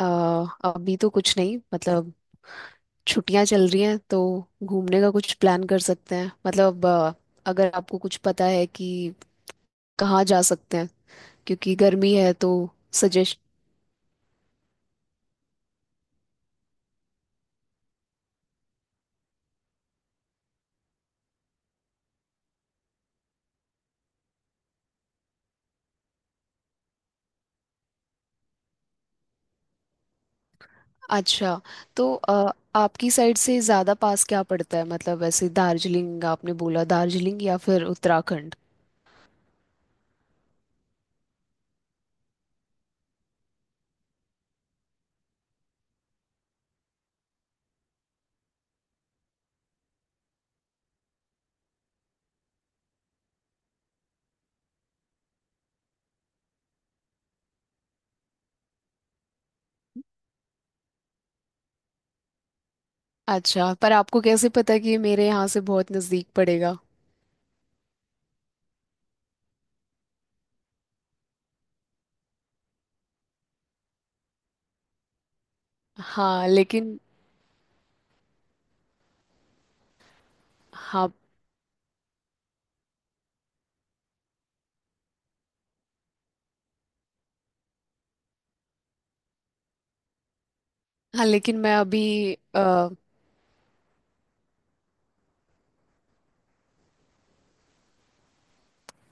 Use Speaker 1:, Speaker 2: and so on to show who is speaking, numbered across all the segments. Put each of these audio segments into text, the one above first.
Speaker 1: अ, अभी तो कुछ नहीं मतलब छुट्टियां चल रही हैं तो घूमने का कुछ प्लान कर सकते हैं मतलब अगर आपको कुछ पता है कि कहाँ जा सकते हैं क्योंकि गर्मी है तो सजेस्ट। अच्छा तो आपकी साइड से ज़्यादा पास क्या पड़ता है मतलब ऐसे दार्जिलिंग आपने बोला दार्जिलिंग या फिर उत्तराखंड। अच्छा पर आपको कैसे पता कि ये मेरे यहाँ से बहुत नज़दीक पड़ेगा। हाँ लेकिन। हाँ। हाँ लेकिन मैं अभी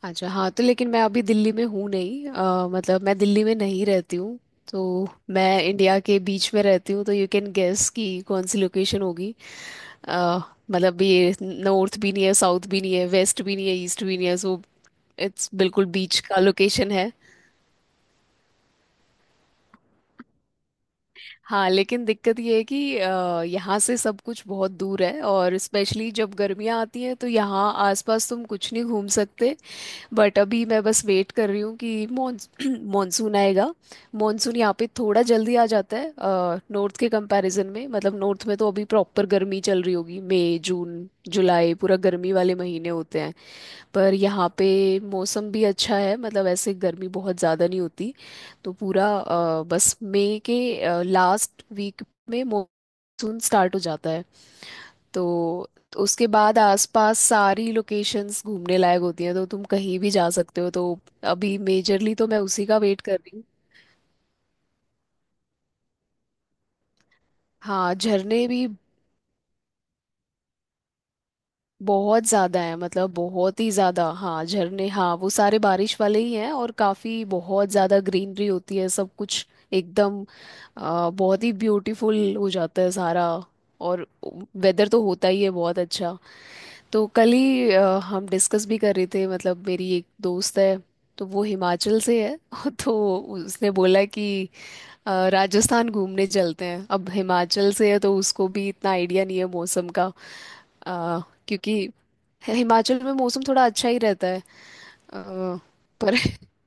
Speaker 1: अच्छा, हाँ तो लेकिन मैं अभी दिल्ली में हूँ नहीं, मतलब मैं दिल्ली में नहीं रहती हूँ। तो मैं इंडिया के बीच में रहती हूँ तो यू कैन गेस कि कौन सी लोकेशन होगी। अ, मतलब ये नॉर्थ भी नहीं है, साउथ भी नहीं है, वेस्ट भी नहीं है, ईस्ट भी नहीं है, सो इट्स बिल्कुल बीच का लोकेशन है। हाँ लेकिन दिक्कत ये है कि यहाँ से सब कुछ बहुत दूर है और स्पेशली जब गर्मियाँ आती हैं तो यहाँ आसपास तुम कुछ नहीं घूम सकते। बट अभी मैं बस वेट कर रही हूँ कि मॉनसून आएगा। मॉनसून यहाँ पे थोड़ा जल्दी आ जाता है नॉर्थ के कंपैरिजन में। मतलब नॉर्थ में तो अभी प्रॉपर गर्मी चल रही होगी, मई जून जुलाई पूरा गर्मी वाले महीने होते हैं। पर यहाँ पे मौसम भी अच्छा है, मतलब ऐसे गर्मी बहुत ज़्यादा नहीं होती। तो पूरा बस मई के लास्ट वीक में मॉनसून स्टार्ट हो जाता है। तो उसके बाद आसपास सारी लोकेशंस घूमने लायक होती हैं तो तुम कहीं भी जा सकते हो। तो अभी मेजरली तो मैं उसी का वेट कर रही हूँ। हाँ झरने भी बहुत ज़्यादा हैं, मतलब बहुत ही ज़्यादा। हाँ झरने, हाँ वो सारे बारिश वाले ही हैं और काफ़ी बहुत ज़्यादा ग्रीनरी होती है सब कुछ एकदम। बहुत ही ब्यूटीफुल हो जाता है सारा, और वेदर तो होता ही है बहुत अच्छा। तो कल ही हम डिस्कस भी कर रहे थे, मतलब मेरी एक दोस्त है तो वो हिमाचल से है तो उसने बोला कि राजस्थान घूमने चलते हैं। अब हिमाचल से है तो उसको भी इतना आइडिया नहीं है मौसम का। अ, क्योंकि हिमाचल में मौसम थोड़ा अच्छा ही रहता है। अ, पर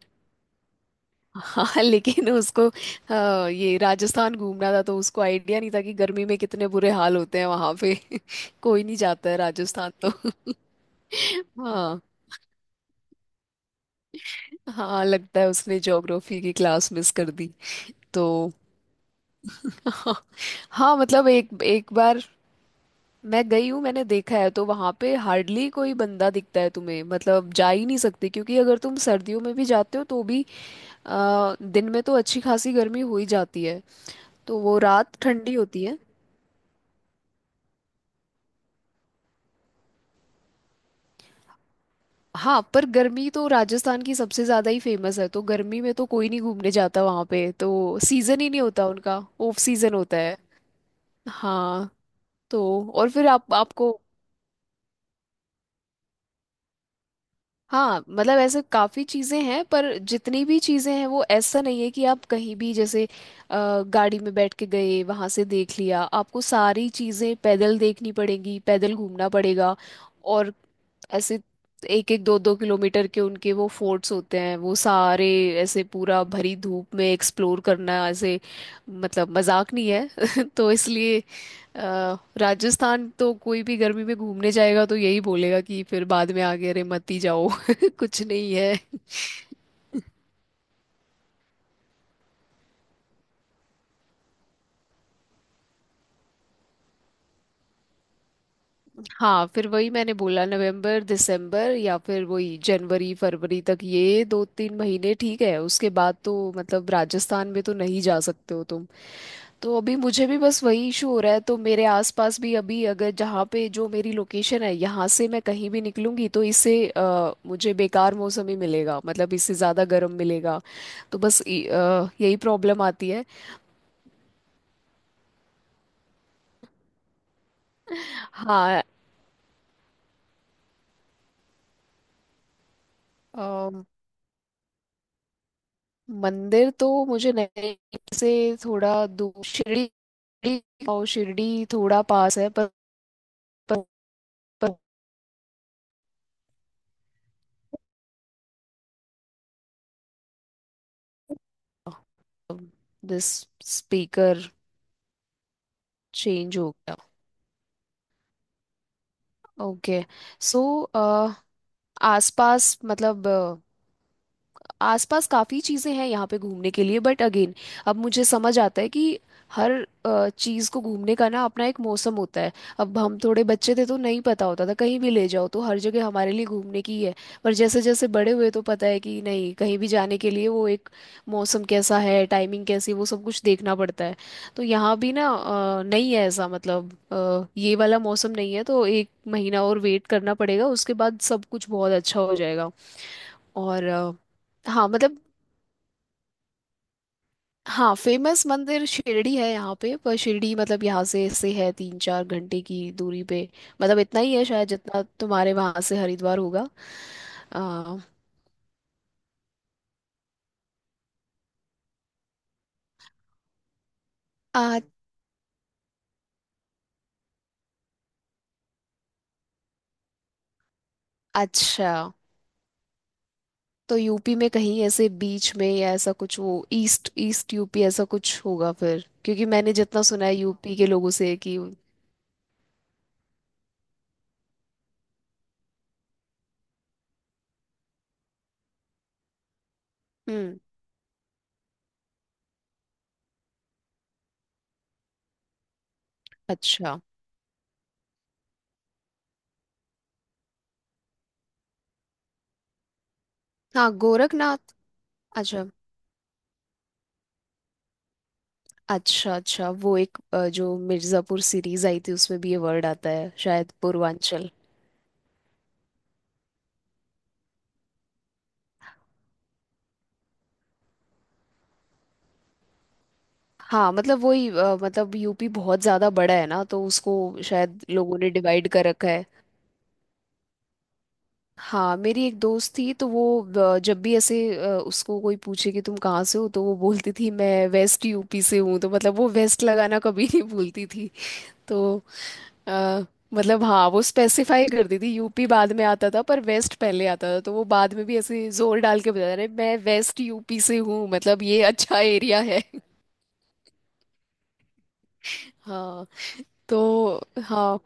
Speaker 1: हाँ लेकिन उसको ये राजस्थान घूमना था तो उसको आइडिया नहीं था कि गर्मी में कितने बुरे हाल होते हैं वहाँ पे। कोई नहीं जाता है राजस्थान तो। हाँ। हाँ लगता है उसने ज्योग्राफी की क्लास मिस कर दी तो। हाँ मतलब एक एक बार मैं गई हूँ, मैंने देखा है तो वहाँ पे हार्डली कोई बंदा दिखता है तुम्हें। मतलब जा ही नहीं सकते क्योंकि अगर तुम सर्दियों में भी जाते हो तो भी दिन में तो अच्छी खासी गर्मी हो ही जाती है, तो वो रात ठंडी होती है। हाँ पर गर्मी तो राजस्थान की सबसे ज़्यादा ही फेमस है तो गर्मी में तो कोई नहीं घूमने जाता वहाँ पे। तो सीज़न ही नहीं होता उनका, ऑफ सीज़न होता है। हाँ तो। और फिर आप आपको। हाँ मतलब ऐसे काफ़ी चीज़ें हैं पर जितनी भी चीज़ें हैं वो ऐसा नहीं है कि आप कहीं भी जैसे गाड़ी में बैठ के गए वहाँ से देख लिया। आपको सारी चीज़ें पैदल देखनी पड़ेंगी, पैदल घूमना पड़ेगा। और ऐसे एक एक दो दो किलोमीटर के उनके वो फोर्ट्स होते हैं वो सारे ऐसे पूरा भरी धूप में एक्सप्लोर करना, ऐसे मतलब मजाक नहीं है तो इसलिए राजस्थान तो कोई भी गर्मी में घूमने जाएगा तो यही बोलेगा कि फिर बाद में आगे अरे मत ही जाओ कुछ नहीं है। हाँ फिर वही मैंने बोला नवंबर दिसंबर या फिर वही जनवरी फरवरी तक, ये दो तीन महीने ठीक है। उसके बाद तो मतलब राजस्थान में तो नहीं जा सकते हो तुम। तो अभी मुझे भी बस वही इशू हो रहा है तो मेरे आसपास भी अभी अगर, जहाँ पे जो मेरी लोकेशन है, यहाँ से मैं कहीं भी निकलूंगी तो इससे मुझे बेकार मौसम ही मिलेगा, मतलब इससे ज़्यादा गर्म मिलेगा। तो बस यही प्रॉब्लम आती है। हाँ। अ, मंदिर तो मुझे नहीं से थोड़ा दूर शिरडी और शिरडी थोड़ा पास है पर, पर, पर। दिस स्पीकर चेंज हो गया। ओके। सो आसपास मतलब आसपास काफ़ी चीज़ें हैं यहाँ पे घूमने के लिए बट अगेन अब मुझे समझ आता है कि हर चीज़ को घूमने का ना अपना एक मौसम होता है। अब हम थोड़े बच्चे थे तो नहीं पता होता था, कहीं भी ले जाओ तो हर जगह हमारे लिए घूमने की ही है। पर जैसे जैसे बड़े हुए तो पता है कि नहीं, कहीं भी जाने के लिए वो एक मौसम कैसा है, टाइमिंग कैसी है, वो सब कुछ देखना पड़ता है। तो यहाँ भी ना नहीं है ऐसा, मतलब ये वाला मौसम नहीं है तो एक महीना और वेट करना पड़ेगा, उसके बाद सब कुछ बहुत अच्छा हो जाएगा। और हाँ मतलब। हाँ फेमस मंदिर शिरडी है यहाँ पे पर शिरडी, मतलब यहाँ से है तीन चार घंटे की दूरी पे। मतलब इतना ही है शायद जितना तुम्हारे वहाँ से हरिद्वार होगा। आ, आ, अच्छा, तो यूपी में कहीं ऐसे बीच में या ऐसा कुछ, वो ईस्ट ईस्ट यूपी ऐसा कुछ होगा फिर क्योंकि मैंने जितना सुना है यूपी के लोगों से कि। हम्म। अच्छा। हाँ गोरखनाथ। अच्छा अच्छा, अच्छा वो एक जो मिर्ज़ापुर सीरीज आई थी उसमें भी ये वर्ड आता है शायद, पूर्वांचल। हाँ मतलब वही मतलब यूपी बहुत ज्यादा बड़ा है ना तो उसको शायद लोगों ने डिवाइड कर रखा है। हाँ मेरी एक दोस्त थी तो वो जब भी ऐसे उसको कोई पूछे कि तुम कहाँ से हो तो वो बोलती थी मैं वेस्ट यूपी से हूँ, तो मतलब वो वेस्ट लगाना कभी नहीं भूलती थी। तो अ, मतलब हाँ वो स्पेसिफाई करती थी, यूपी बाद में आता था पर वेस्ट पहले आता था। तो वो बाद में भी ऐसे जोर डाल के बता रहे मैं वेस्ट यूपी से हूँ, मतलब ये अच्छा एरिया है। हाँ तो। हाँ।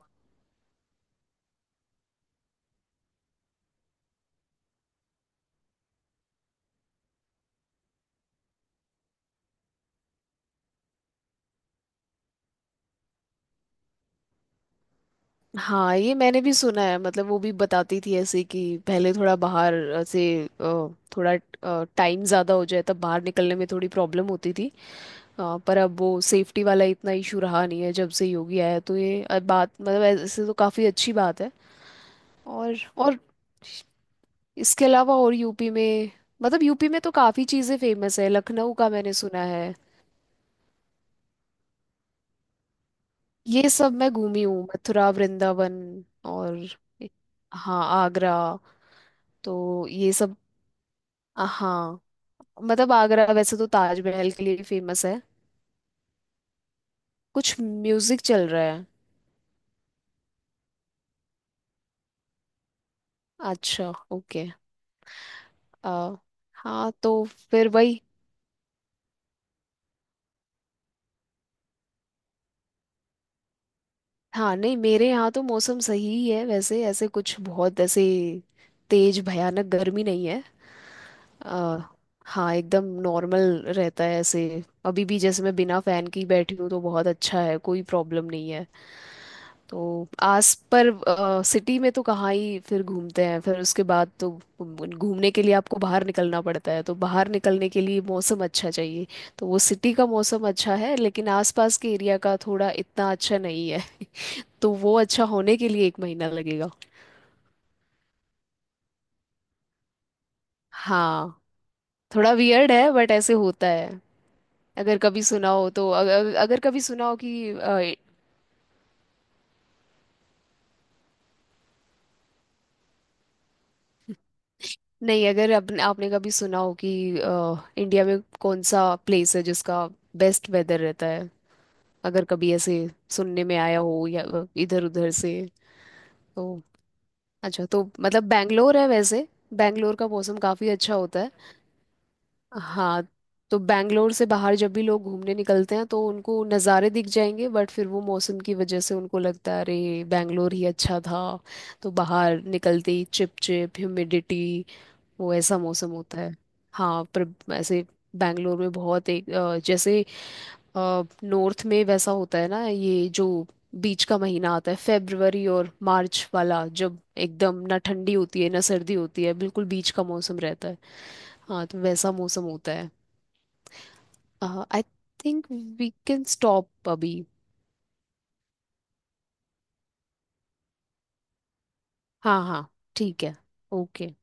Speaker 1: हाँ ये मैंने भी सुना है, मतलब वो भी बताती थी ऐसे कि पहले थोड़ा बाहर ऐसे अ, थोड़ा टाइम ज़्यादा हो जाए तब बाहर निकलने में थोड़ी प्रॉब्लम होती थी। पर अब वो सेफ्टी वाला इतना इशू रहा नहीं है जब से योगी आया है, तो ये बात मतलब ऐसे तो काफ़ी अच्छी बात है। और और इसके अलावा, और यूपी में मतलब यूपी में तो काफ़ी चीज़ें फेमस है, लखनऊ का मैंने सुना है। ये सब मैं घूमी हूँ, मथुरा वृंदावन और हाँ आगरा, तो ये सब। हाँ मतलब आगरा वैसे तो ताजमहल के लिए फेमस है। कुछ म्यूजिक चल रहा है। अच्छा ओके। आ, हाँ तो फिर वही। हाँ नहीं मेरे यहाँ तो मौसम सही ही है वैसे, ऐसे कुछ बहुत ऐसे तेज भयानक गर्मी नहीं है। आ, हाँ एकदम नॉर्मल रहता है ऐसे, अभी भी जैसे मैं बिना फैन के ही बैठी हूँ तो बहुत अच्छा है, कोई प्रॉब्लम नहीं है। तो आस पर सिटी में तो कहाँ ही फिर घूमते हैं, फिर उसके बाद तो घूमने के लिए आपको बाहर निकलना पड़ता है, तो बाहर निकलने के लिए मौसम अच्छा चाहिए। तो वो सिटी का मौसम अच्छा है लेकिन आसपास के एरिया का थोड़ा इतना अच्छा नहीं है, तो वो अच्छा होने के लिए एक महीना लगेगा। हाँ थोड़ा वियर्ड है बट ऐसे होता है। अगर कभी सुना हो तो अगर कभी सुना हो कि नहीं, अगर अपने आपने कभी सुना हो कि इंडिया में कौन सा प्लेस है जिसका बेस्ट वेदर रहता है, अगर कभी ऐसे सुनने में आया हो या इधर उधर से तो। अच्छा तो मतलब बैंगलोर है वैसे, बैंगलोर का मौसम काफ़ी अच्छा होता है। हाँ तो बैंगलोर से बाहर जब भी लोग घूमने निकलते हैं तो उनको नज़ारे दिख जाएंगे बट फिर वो मौसम की वजह से उनको लगता है अरे बैंगलोर ही अच्छा था। तो बाहर निकलते ही चिप चिप ह्यूमिडिटी, वो ऐसा मौसम होता है। हाँ पर ऐसे बैंगलोर में बहुत एक जैसे नॉर्थ में वैसा होता है ना, ये जो बीच का महीना आता है फेब्रुवरी और मार्च वाला, जब एकदम ना ठंडी होती है ना सर्दी होती है, बिल्कुल बीच का मौसम रहता है। हाँ तो वैसा मौसम होता है। I think we can stop अभी। हाँ हाँ ठीक है ओके।